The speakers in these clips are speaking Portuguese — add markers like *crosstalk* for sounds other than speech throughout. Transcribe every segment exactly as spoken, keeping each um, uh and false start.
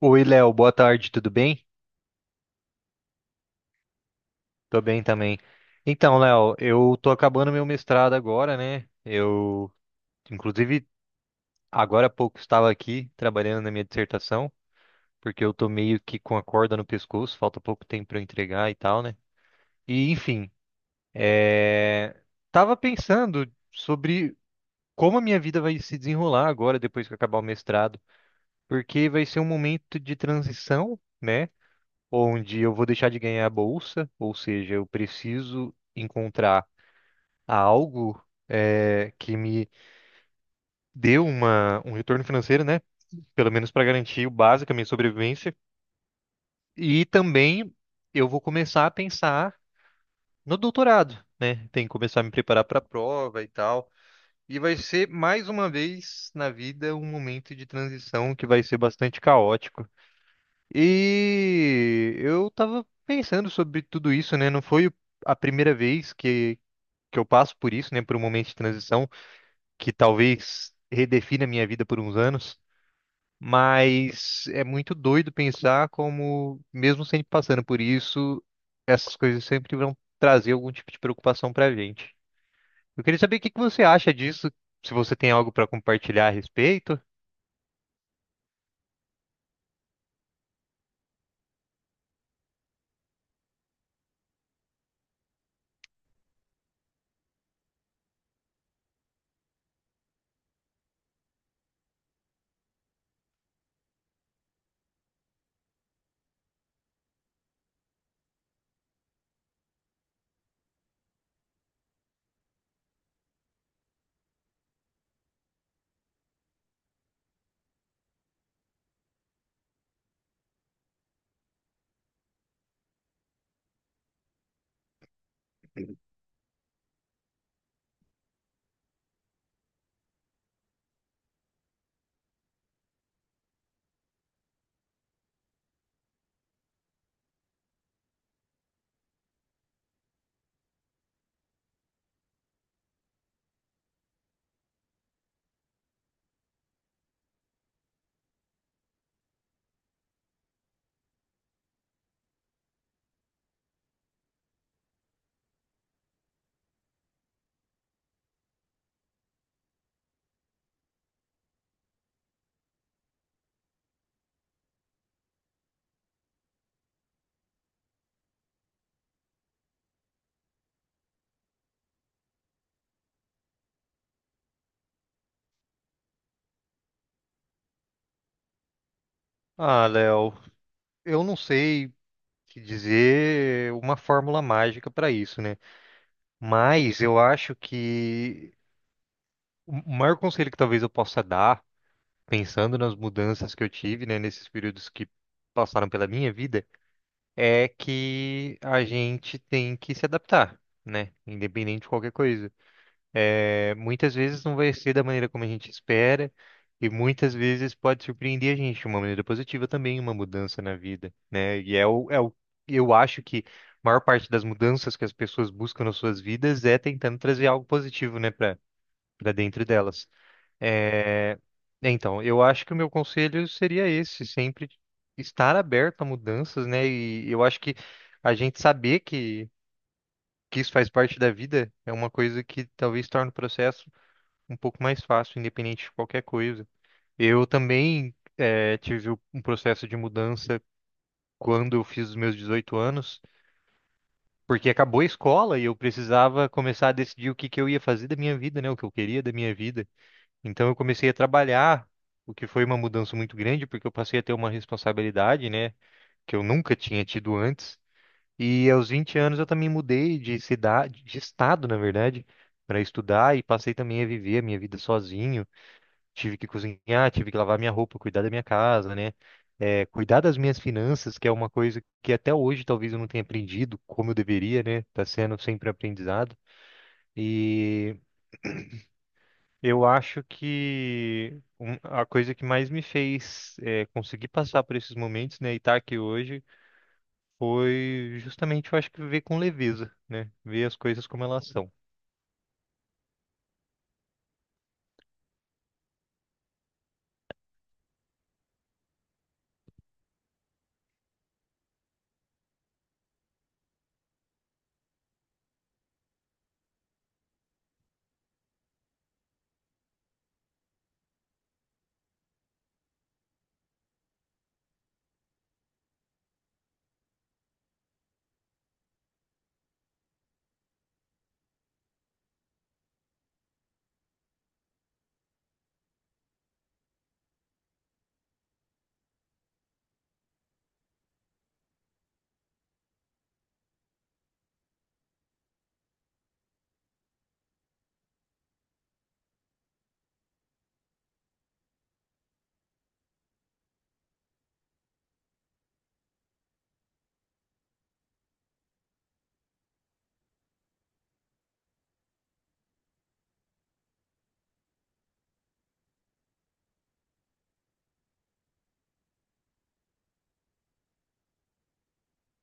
Oi, Léo, boa tarde, tudo bem? Tô bem também. Então, Léo, eu tô acabando meu mestrado agora, né? Eu, inclusive, agora há pouco estava aqui trabalhando na minha dissertação, porque eu tô meio que com a corda no pescoço, falta pouco tempo para eu entregar e tal, né? E, enfim, é... tava pensando sobre como a minha vida vai se desenrolar agora, depois que eu acabar o mestrado, porque vai ser um momento de transição, né? Onde eu vou deixar de ganhar a bolsa, ou seja, eu preciso encontrar algo eh, que me dê uma, um retorno financeiro, né? Pelo menos para garantir o básico, a minha sobrevivência. E também eu vou começar a pensar no doutorado, né? Tem que começar a me preparar para a prova e tal. E vai ser mais uma vez na vida um momento de transição que vai ser bastante caótico. E eu tava pensando sobre tudo isso, né? Não foi a primeira vez que, que eu passo por isso, né? Por um momento de transição que talvez redefina a minha vida por uns anos. Mas é muito doido pensar como, mesmo sempre passando por isso, essas coisas sempre vão trazer algum tipo de preocupação pra gente. Eu queria saber o que que você acha disso, se você tem algo pra compartilhar a respeito. Ah, Léo, eu não sei. Que dizer uma fórmula mágica para isso, né? Mas eu acho que o o maior conselho que talvez eu possa dar, pensando nas mudanças que eu tive, né, nesses períodos que passaram pela minha vida, é que a gente tem que se adaptar, né? Independente de qualquer coisa. É, muitas vezes não vai ser da maneira como a gente espera, e muitas vezes pode surpreender a gente de uma maneira positiva também, uma mudança na vida, né? E é o, é o, eu acho que a maior parte das mudanças que as pessoas buscam nas suas vidas é tentando trazer algo positivo, né, para para dentro delas. É, então, eu acho que o meu conselho seria esse, sempre estar aberto a mudanças, né? E eu acho que a gente saber que que isso faz parte da vida é uma coisa que talvez torne o processo um pouco mais fácil, independente de qualquer coisa. Eu também eh, tive o- um processo de mudança quando eu fiz os meus dezoito anos, porque acabou a escola e eu precisava começar a decidir o que que eu ia fazer da minha vida, né? O que eu queria da minha vida. Então eu comecei a trabalhar, o que foi uma mudança muito grande, porque eu passei a ter uma responsabilidade, né? Que eu nunca tinha tido antes. E aos vinte anos eu também mudei de cidade, de estado, na verdade, para estudar e passei também a viver a minha vida sozinho. Tive que cozinhar, tive que lavar minha roupa, cuidar da minha casa, né? É, cuidar das minhas finanças, que é uma coisa que até hoje talvez eu não tenha aprendido como eu deveria, né? Tá sendo sempre aprendizado. E *clears throat* eu acho que um- a coisa que mais me fez é, conseguir passar por esses momentos, né, e estar aqui hoje, foi justamente, eu acho que ver com leveza, né? Ver as coisas como elas são.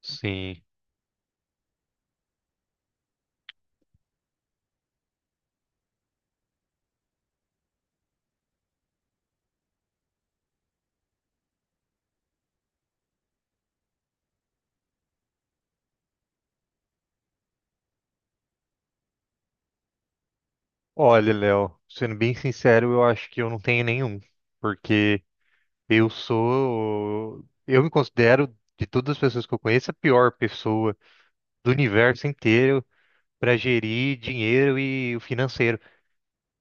Sim. Olha, Léo, sendo bem sincero, eu acho que eu não tenho nenhum, porque eu sou. Eu me considero, de todas as pessoas que eu conheço, a pior pessoa do universo inteiro para gerir dinheiro e o financeiro.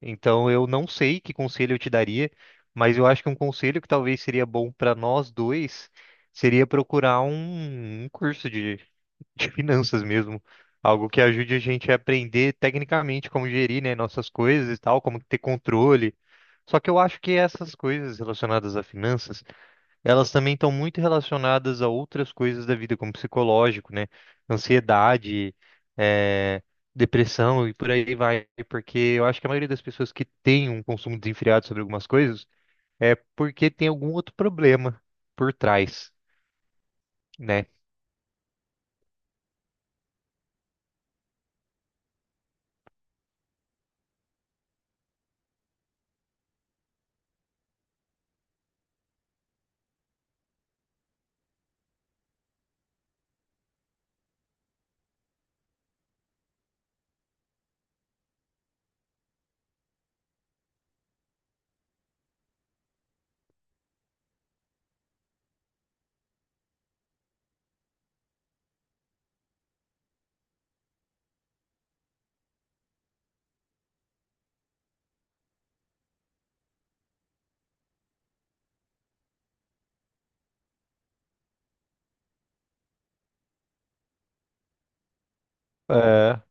Então, eu não sei que conselho eu te daria, mas eu acho que um conselho que talvez seria bom para nós dois seria procurar um, um curso de, *laughs* de finanças mesmo. Algo que ajude a gente a aprender tecnicamente como gerir, né, nossas coisas e tal, como ter controle. Só que eu acho que essas coisas relacionadas a finanças elas também estão muito relacionadas a outras coisas da vida, como psicológico, né? Ansiedade, eh, depressão e por aí vai. Porque eu acho que a maioria das pessoas que tem um consumo desenfreado sobre algumas coisas é porque tem algum outro problema por trás, né? É.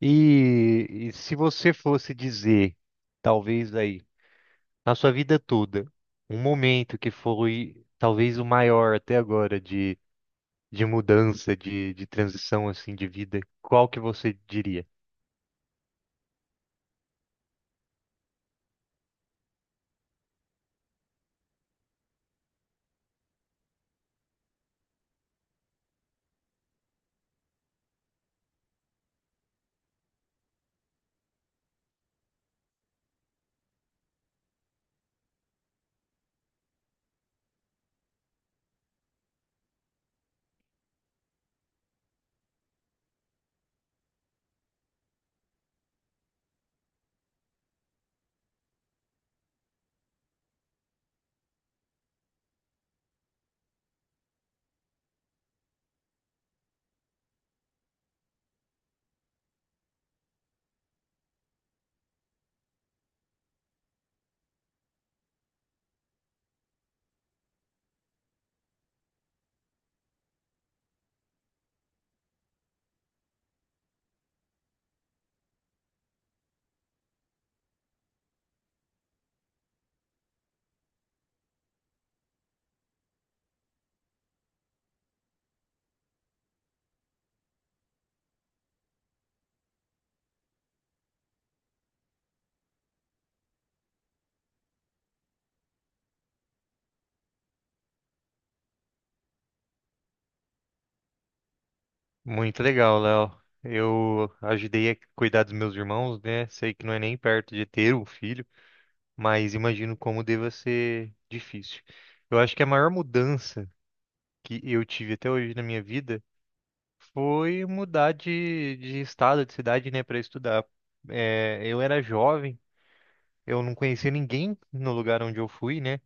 E, e se você fosse dizer, talvez aí, na sua vida toda, um momento que foi talvez o maior até agora de de mudança, de, de transição assim de vida, qual que você diria? Muito legal, Léo. Eu ajudei a cuidar dos meus irmãos, né? Sei que não é nem perto de ter um filho, mas imagino como deva ser difícil. Eu acho que a maior mudança que eu tive até hoje na minha vida foi mudar de, de estado, de cidade, né, para estudar. É, eu era jovem, eu não conhecia ninguém no lugar onde eu fui, né?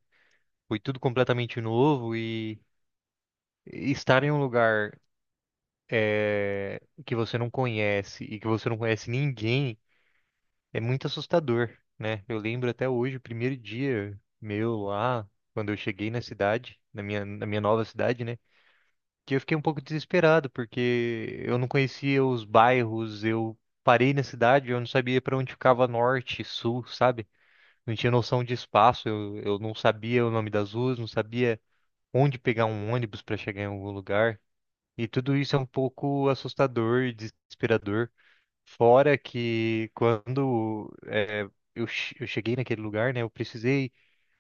Foi tudo completamente novo e estar em um lugar eh, que você não conhece e que você não conhece ninguém é muito assustador, né? Eu lembro até hoje, o primeiro dia meu lá, quando eu cheguei na cidade, na minha, na minha nova cidade, né? Que eu fiquei um pouco desesperado, porque eu não conhecia os bairros, eu parei na cidade, eu não sabia para onde ficava norte, sul, sabe? Não tinha noção de espaço, eu, eu não sabia o nome das ruas, não sabia onde pegar um ônibus para chegar em algum lugar. E tudo isso é um pouco assustador e desesperador. Fora que quando eh, eu, che- eu cheguei naquele lugar, né, eu precisei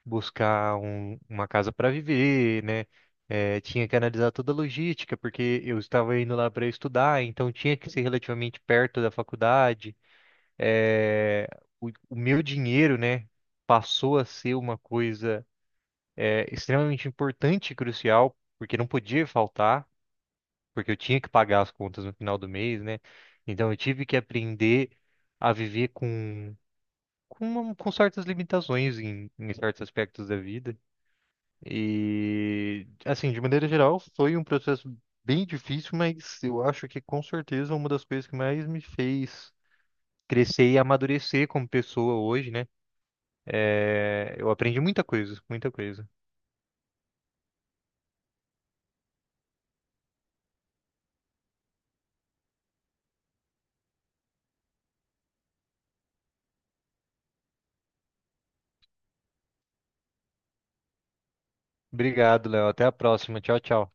buscar um- uma casa para viver, né? Eh, tinha que analisar toda a logística, porque eu estava indo lá para estudar, então tinha que ser relativamente perto da faculdade. Eh, o, o meu dinheiro, né, passou a ser uma coisa eh, extremamente importante e crucial, porque não podia faltar porque eu tinha que pagar as contas no final do mês, né? Então eu tive que aprender a viver com com, uma- com certas limitações em, em certos aspectos da vida. E assim, de maneira geral, foi um processo bem difícil, mas eu acho que com certeza uma das coisas que mais me fez crescer e amadurecer como pessoa hoje, né? É, eu aprendi muita coisa, muita coisa. Obrigado, Léo. Até a próxima. Tchau, tchau.